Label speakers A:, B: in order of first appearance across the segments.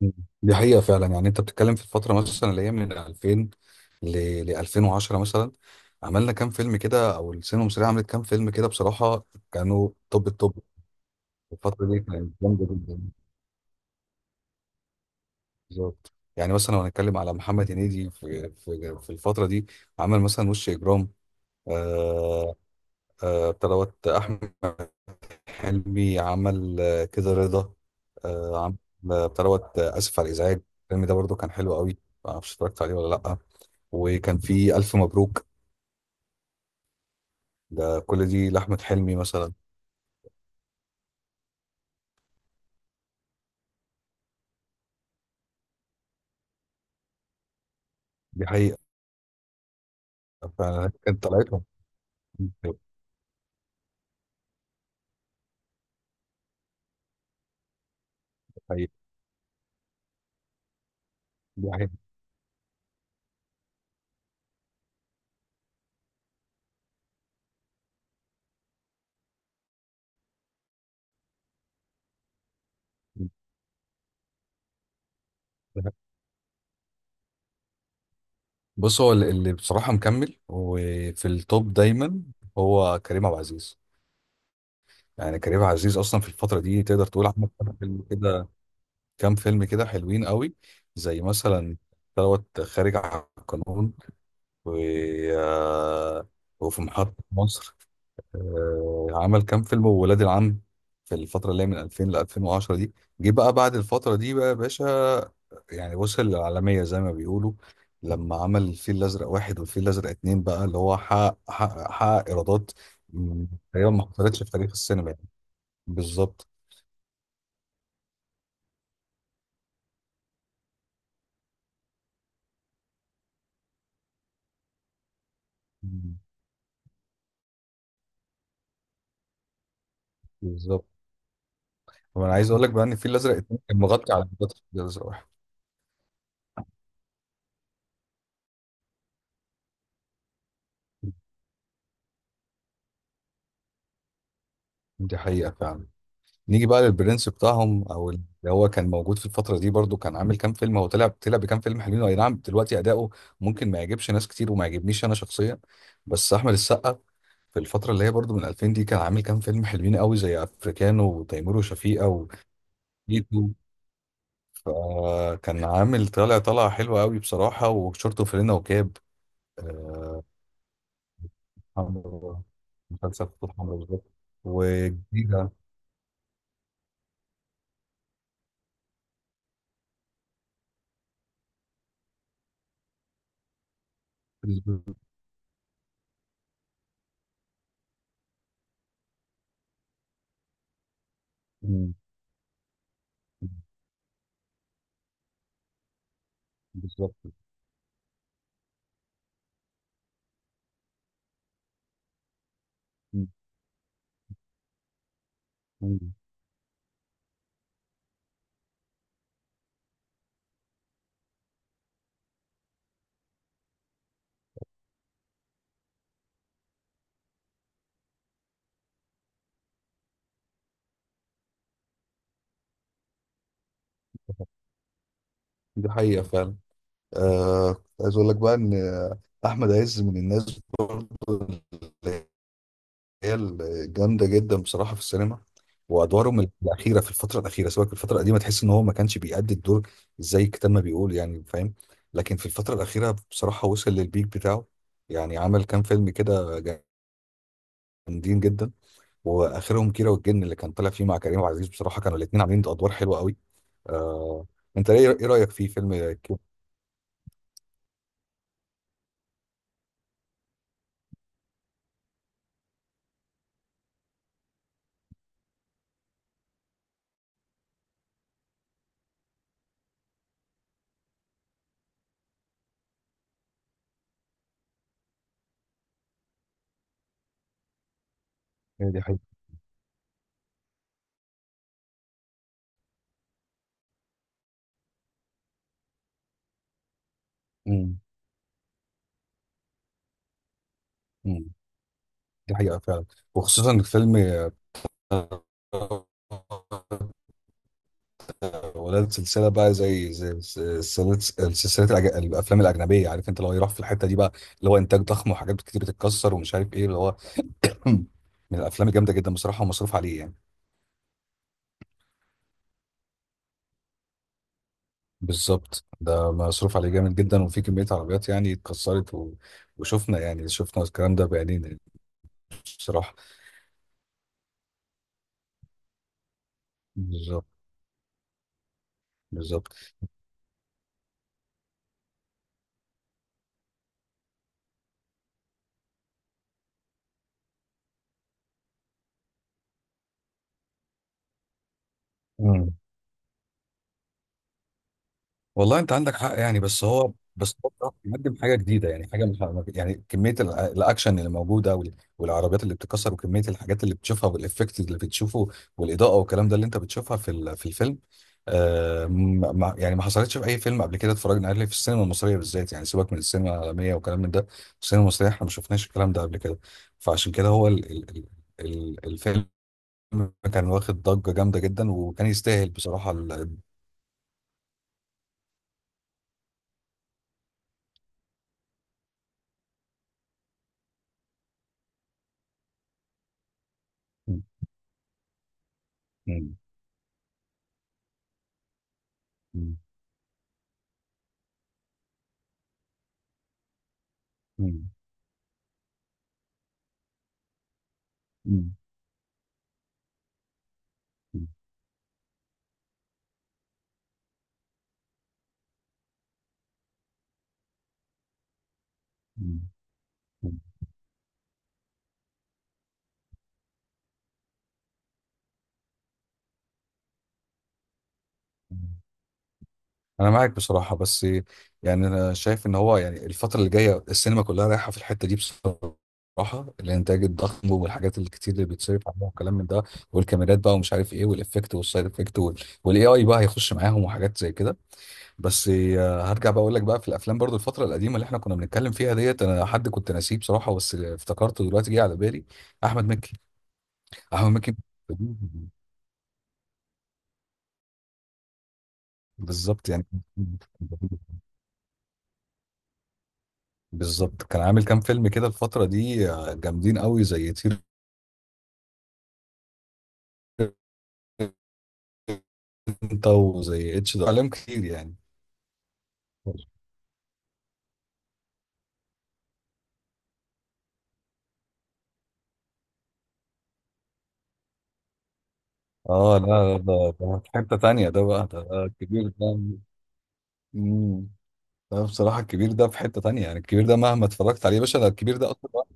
A: مم. دي حقيقة فعلا يعني انت بتتكلم في الفترة مثلا اللي هي من 2000 ل ل 2010 مثلا. عملنا كام فيلم كده، او السينما المصرية عملت كام فيلم كده بصراحة. كانوا توب التوب. الفترة دي كانت جامدة جدا. بالظبط، يعني مثلا لو هنتكلم على محمد هنيدي في الفترة دي، عمل مثلا وش إجرام. آه بتاع دوت. أحمد حلمي عمل كده رضا. عمل بتاع دوت آسف على الإزعاج. الفيلم ده برضو كان حلو قوي. معرفش اتفرجت عليه ولا لأ. وكان في ألف مبروك. ده كل دي لأحمد حلمي مثلا. دي حقيقة. فأنا كانت طلعتهم. دي حقيقة. دي حقيقة. دي حقيقة. بص، هو اللي بصراحة مكمل وفي التوب دايما هو كريم عبد العزيز. يعني كريم عبد العزيز أصلا في الفترة دي تقدر تقول عمل كام فيلم كده، كام فيلم كده حلوين قوي، زي مثلا دوت خارج عن القانون. و آه، وفي محطة مصر عمل كام فيلم، وولاد العم، في الفترة اللي هي من 2000 ل 2010 دي. جه بقى بعد الفترة دي بقى يا باشا. يعني وصل للعالمية زي ما بيقولوا لما عمل الفيل الأزرق واحد والفيل الأزرق اتنين، بقى اللي هو حقق إيرادات مم، تقريبا ما حصلتش في تاريخ السينما، يعني بالظبط. مم. بالظبط. طب أنا عايز أقول لك بقى إن الفيل الأزرق اتنين كان مغطي على إيرادات الفيل الأزرق واحد. دي حقيقة فعلا. نيجي بقى للبرنس بتاعهم، او اللي هو كان موجود في الفتره دي برضو، كان عامل كام فيلم. هو طلع بكام فيلم حلوين، اي نعم دلوقتي اداؤه ممكن ما يعجبش ناس كتير وما يعجبنيش انا شخصيا، بس احمد السقا في الفتره اللي هي برضو من 2000 دي كان عامل كام فيلم حلوين قوي زي افريكانو وتيمور وشفيقه وتيتو. فكان عامل طالع طلعه حلوه قوي بصراحه، وشورت وفانلة وكاب آه، حمرا، مسلسل خطوط حمرا بالظبط، وجديده بالظبط. دي حقيقة فعلا. كنت عايز أقول لك بقى إن أحمد عز من الناس برضه، اللي هي الجامدة جدا بصراحة في السينما. وأدوارهم الأخيرة في الفترة الأخيرة، سواء في الفترة القديمة، تحس إن هو ما كانش بيأدي الدور زي الكتاب ما بيقول، يعني فاهم. لكن في الفترة الأخيرة بصراحة وصل للبيك بتاعه. يعني عمل كام فيلم كده جامدين جدا، وآخرهم كيرة والجن اللي كان طالع فيه مع كريم عبد العزيز. بصراحة كانوا الاتنين عاملين أدوار حلوة قوي. آه أنت إيه رأيك في فيلم كيرة؟ هي دي حقيقة. مم. مم. دي حقيقة فعلا. وخصوصا الفيلم ولاد، سلسلة بقى زي سلسلة الأفلام الأجنبية، عارف أنت لو يروح في الحتة دي بقى، اللي هو إنتاج ضخم وحاجات كتير بتتكسر ومش عارف إيه اللي هو من الأفلام الجامدة جدا بصراحة ومصروف عليه يعني. بالظبط، ده مصروف عليه جامد جدا، وفي كمية عربيات يعني اتكسرت وشفنا، يعني شفنا الكلام ده بعينينا يعني. بصراحة. بالظبط. بالظبط. والله انت عندك حق يعني، بس هو بصراحة بيقدم حاجه جديده، يعني حاجه يعني كميه الاكشن اللي موجوده والعربيات اللي بتكسر وكميه الحاجات اللي بتشوفها والافكت اللي بتشوفه والاضاءه والكلام ده اللي انت بتشوفها في الفيلم. يعني ما حصلتش في اي فيلم قبل كده اتفرجنا عليه في السينما المصريه بالذات. يعني سيبك من السينما العالميه والكلام من ده، السينما المصريه احنا ما شفناش الكلام ده قبل كده. فعشان كده هو ال الفيلم كان واخد ضجه جامده جدا وكان يستاهل بصراحه م- م- م- مم. مم. مم. انا معاك بصراحه، بس يعني انا شايف ان هو يعني الفتره اللي جايه السينما كلها رايحه في الحته دي بصراحه، الانتاج الضخم والحاجات الكتير اللي بتصرف عليها والكلام من ده، والكاميرات بقى ومش عارف ايه، والافكت والسايد افكت والاي اي بقى هيخش معاهم وحاجات زي كده. بس هرجع بقى اقول لك بقى في الافلام برضو الفتره القديمه اللي احنا كنا بنتكلم فيها ديت، انا حد كنت ناسيه بصراحه، بس افتكرته دلوقتي، جه على بالي احمد مكي. احمد مكي بالظبط يعني. بالظبط كان عامل كام فيلم كده الفترة دي جامدين قوي زي طير انت وزي اتش ده عليهم كتير يعني. اه، لا، لا، ده في حتة تانية. ده بقى ده الكبير ده. مم. ده بصراحة الكبير ده في حتة تانية. يعني الكبير ده مهما اتفرجت عليه يا باشا، ده الكبير ده اصلا وقت-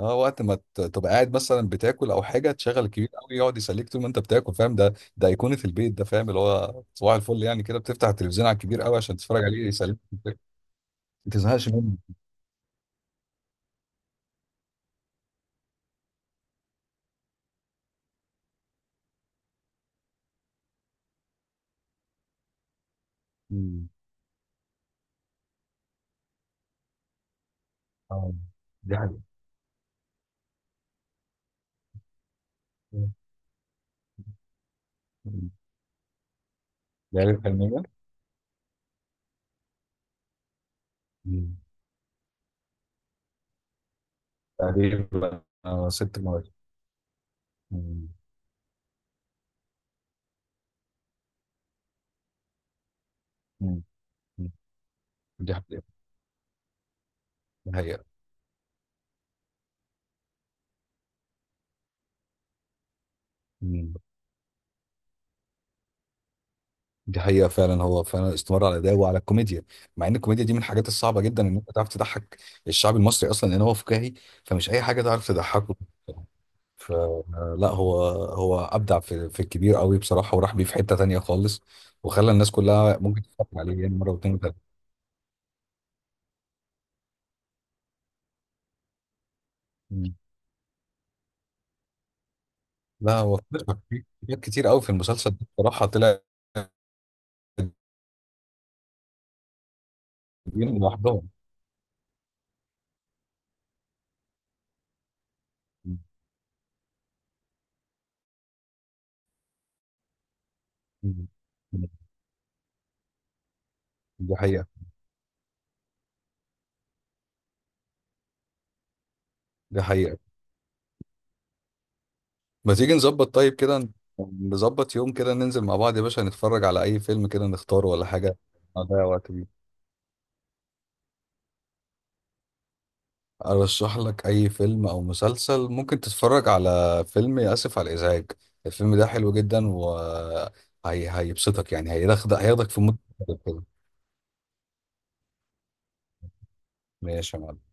A: اه وقت ما تبقى قاعد مثلا بتاكل او حاجة، تشغل الكبير قوي يقعد يسليك طول ما انت بتاكل. فاهم؟ ده ايقونة البيت ده. فاهم اللي هو صباح الفل، يعني كده بتفتح التلفزيون على الكبير قوي عشان تتفرج عليه يسليك ما تزهقش منه. مم. اه، دي حقيقة. مم. ليالي الحلمية. مم. تقريبا 6 مواسم. مم. مم. مم. دي حقيقة. دي حقيقة. مم. دي حقيقة فعلا. هو فعلا استمر على الأداء وعلى الكوميديا، مع إن الكوميديا دي من الحاجات الصعبة جدا إن أنت تعرف تضحك الشعب المصري أصلا لأن هو فكاهي. فمش أي حاجة تعرف تضحكه. فلا هو أبدع في الكبير قوي بصراحة، وراح بيه في حتة تانية خالص، وخلى الناس كلها ممكن تتفرج عليه يعني مرة واتنين وتلاتة. لا هو اختلف في حاجات كتير قوي في المسلسل ده بصراحة، طلع دين لوحدهم. مم. دي حقيقة. دي حقيقة. ما تيجي نظبط طيب كده، نظبط يوم كده ننزل مع بعض يا باشا نتفرج على أي فيلم كده نختاره ولا حاجة نضيع وقت بيه. أرشح لك أي فيلم أو مسلسل. ممكن تتفرج على فيلم آسف على الإزعاج، الفيلم ده حلو جدا و هيبسطك، يعني هياخدك في مود مختلف كده. ماشي يا معلم.